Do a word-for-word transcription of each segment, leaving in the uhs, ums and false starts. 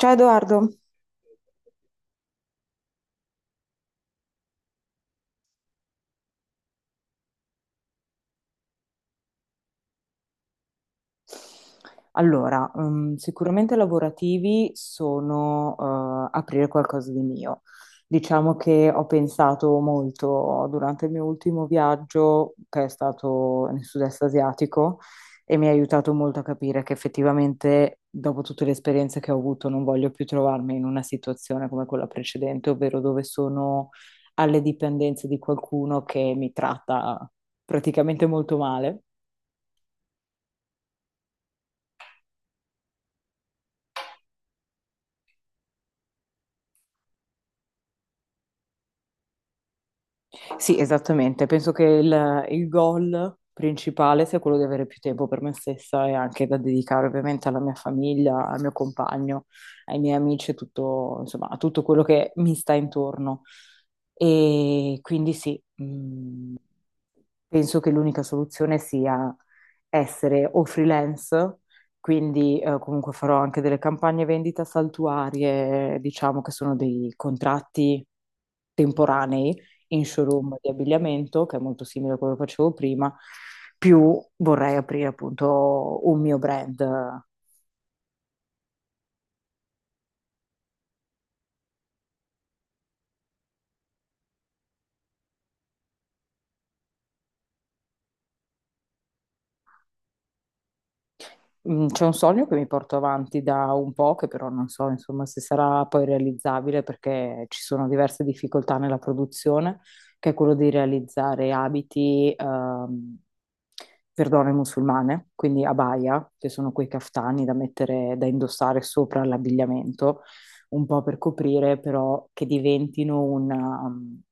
Ciao Edoardo. Allora, ehm, sicuramente lavorativi sono eh, aprire qualcosa di mio. Diciamo che ho pensato molto durante il mio ultimo viaggio, che è stato nel sud-est asiatico, e mi ha aiutato molto a capire che effettivamente, dopo tutte le esperienze che ho avuto, non voglio più trovarmi in una situazione come quella precedente, ovvero dove sono alle dipendenze di qualcuno che mi tratta praticamente molto male. Sì, esattamente. Penso che il, il goal principale sia quello di avere più tempo per me stessa e anche da dedicare ovviamente alla mia famiglia, al mio compagno, ai miei amici e tutto, insomma, a tutto quello che mi sta intorno. E quindi sì, mh, penso che l'unica soluzione sia essere o freelance, quindi eh, comunque farò anche delle campagne vendita saltuarie, diciamo che sono dei contratti temporanei in showroom di abbigliamento, che è molto simile a quello che facevo prima, più vorrei aprire appunto un mio brand. Mm, c'è un sogno che mi porto avanti da un po', che però non so, insomma, se sarà poi realizzabile perché ci sono diverse difficoltà nella produzione, che è quello di realizzare abiti, ehm, per donne musulmane, quindi abaya, che sono quei caftani da mettere, da indossare sopra l'abbigliamento, un po' per coprire, però che diventino un ehm,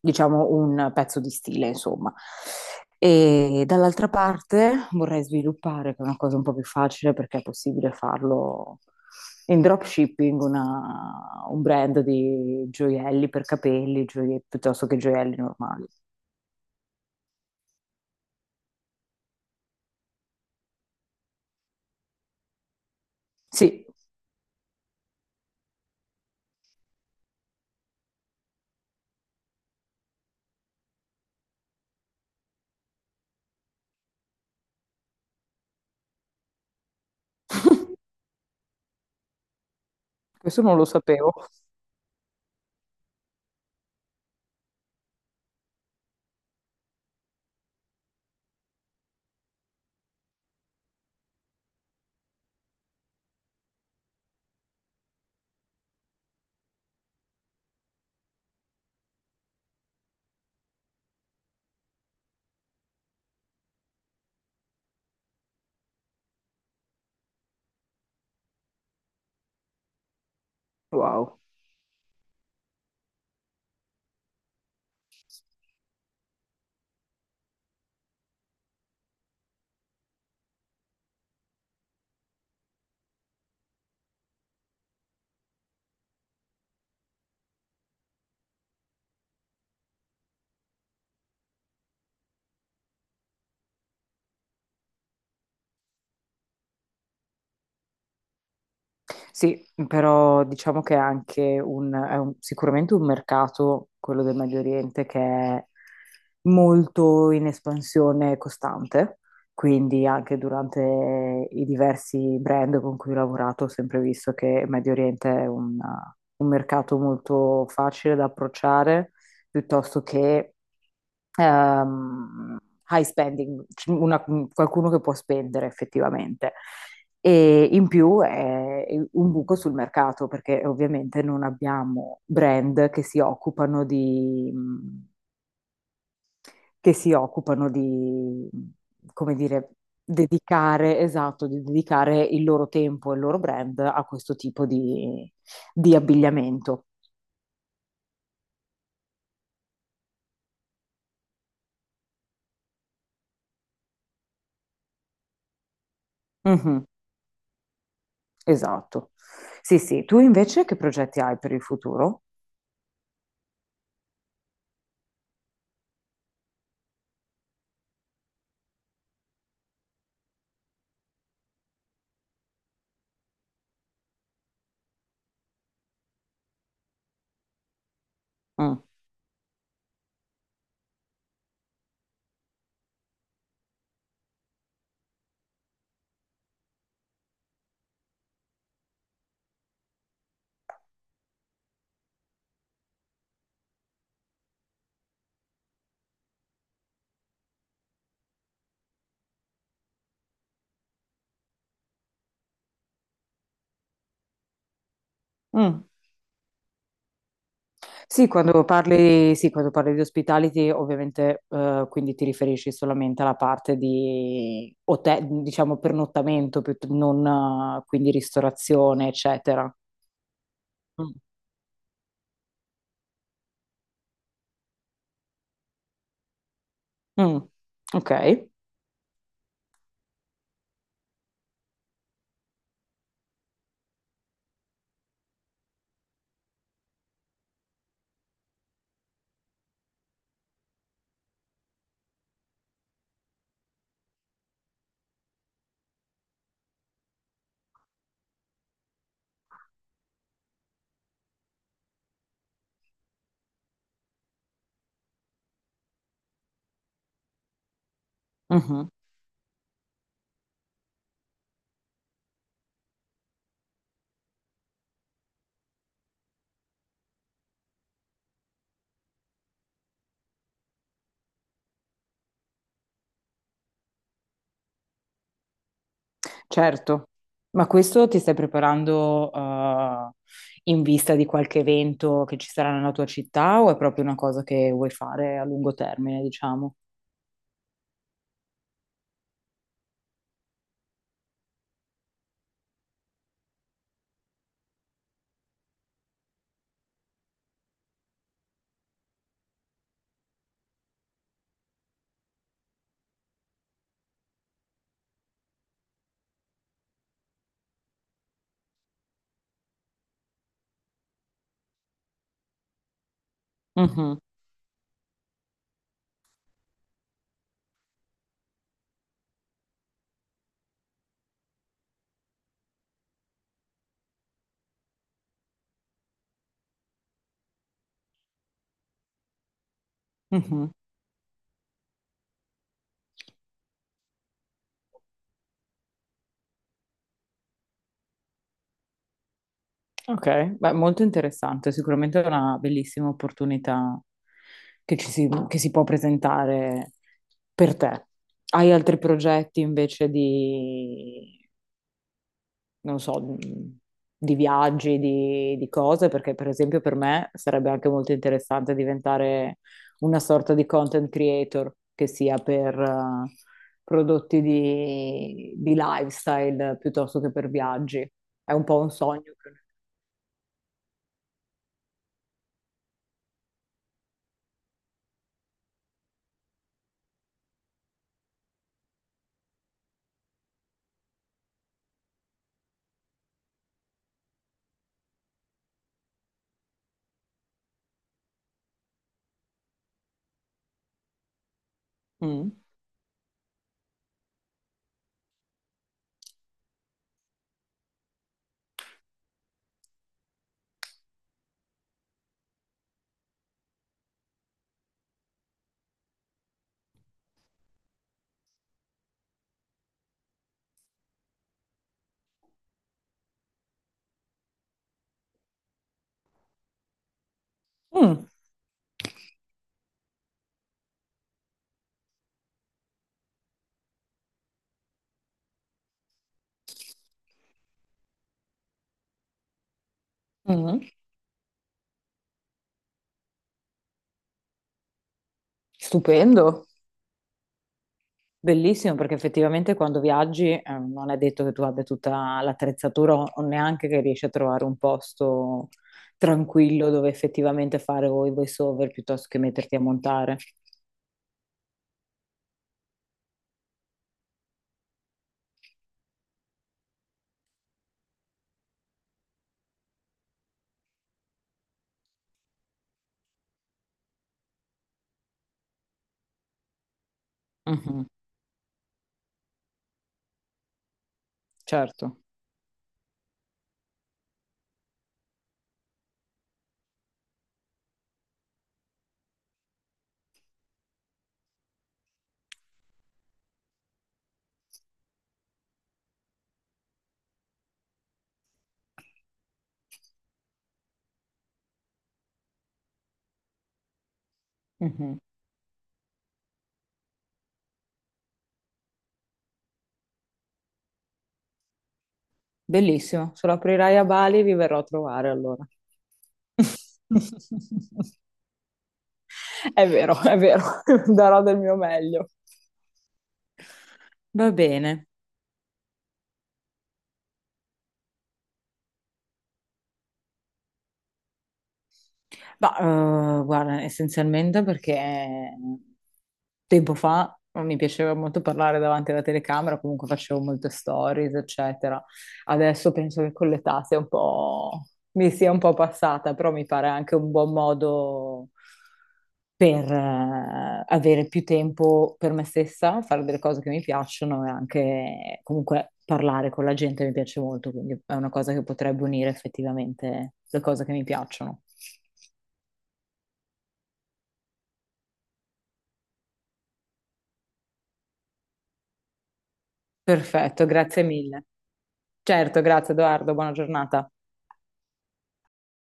diciamo, un pezzo di stile, insomma. E dall'altra parte vorrei sviluppare, che è una cosa un po' più facile perché è possibile farlo in dropshipping, una- un brand di gioielli per capelli, gioie- piuttosto che gioielli normali. Sì, questo non lo sapevo. Wow. Sì, mhmm, però diciamo che è anche un, è un- sicuramente un mercato, quello del Medio Oriente, che è molto in espansione costante, quindi anche durante i diversi brand con cui ho lavorato ho sempre visto che il Medio Oriente è un, un mercato molto facile da approcciare, piuttosto che ehm, high spending, c- una- qualcuno che può spendere effettivamente. E in più è un buco sul mercato perché ovviamente non abbiamo brand che si occupano di, che si occupano di, come dire, dedicare, esatto, di dedicare il loro tempo e il loro brand a questo tipo di, di abbigliamento. Mhm, esatto. Sì, sì. Tu invece che progetti hai per il futuro? Mm. Mm. Sì, quando parli, sì, quando parli di hospitality, ovviamente, eh, quindi ti riferisci solamente alla parte di hotel, diciamo pernottamento, piutt- non eh, quindi ristorazione, eccetera. Mm. Mm. Ok. Mhm. Certo. Ma questo ti stai preparando, eh, in vista di qualche evento che ci sarà nella tua città o è proprio una cosa che vuoi fare a lungo termine, diciamo? Mhm. Mhm. Ok, beh, molto interessante, sicuramente è una bellissima opportunità che ci si, che si può presentare per te. Hai altri progetti invece di, non so, di viaggi, di, di cose? Perché per esempio per me sarebbe anche molto interessante diventare una sorta di content creator, che sia per eh, prodotti di, di lifestyle piuttosto che per viaggi. È un po' un sogno. che- Mm. Mm. Mm. Stupendo, bellissimo perché effettivamente quando viaggi eh, non è detto che tu abbia tutta l'attrezzatura o o neanche che riesci a trovare un posto tranquillo dove effettivamente fare o i voiceover piuttosto che metterti a montare. Mhm, certo. Mhm. Bellissimo, se lo aprirai a Bali vi verrò a trovare allora. È vero, è vero, darò del mio meglio. Va bene. Ma eh, guarda, essenzialmente perché tempo fa mi piaceva molto parlare davanti alla telecamera, comunque facevo molte stories, eccetera. Adesso penso che con l'età sia un po' mi sia un po' passata, però mi pare anche un buon modo per eh, avere più tempo per me stessa, fare delle cose che mi piacciono e anche comunque parlare con la gente mi piace molto, quindi è una cosa che potrebbe unire effettivamente le cose che mi piacciono. Perfetto, grazie mille. Certo, grazie Edoardo, buona giornata.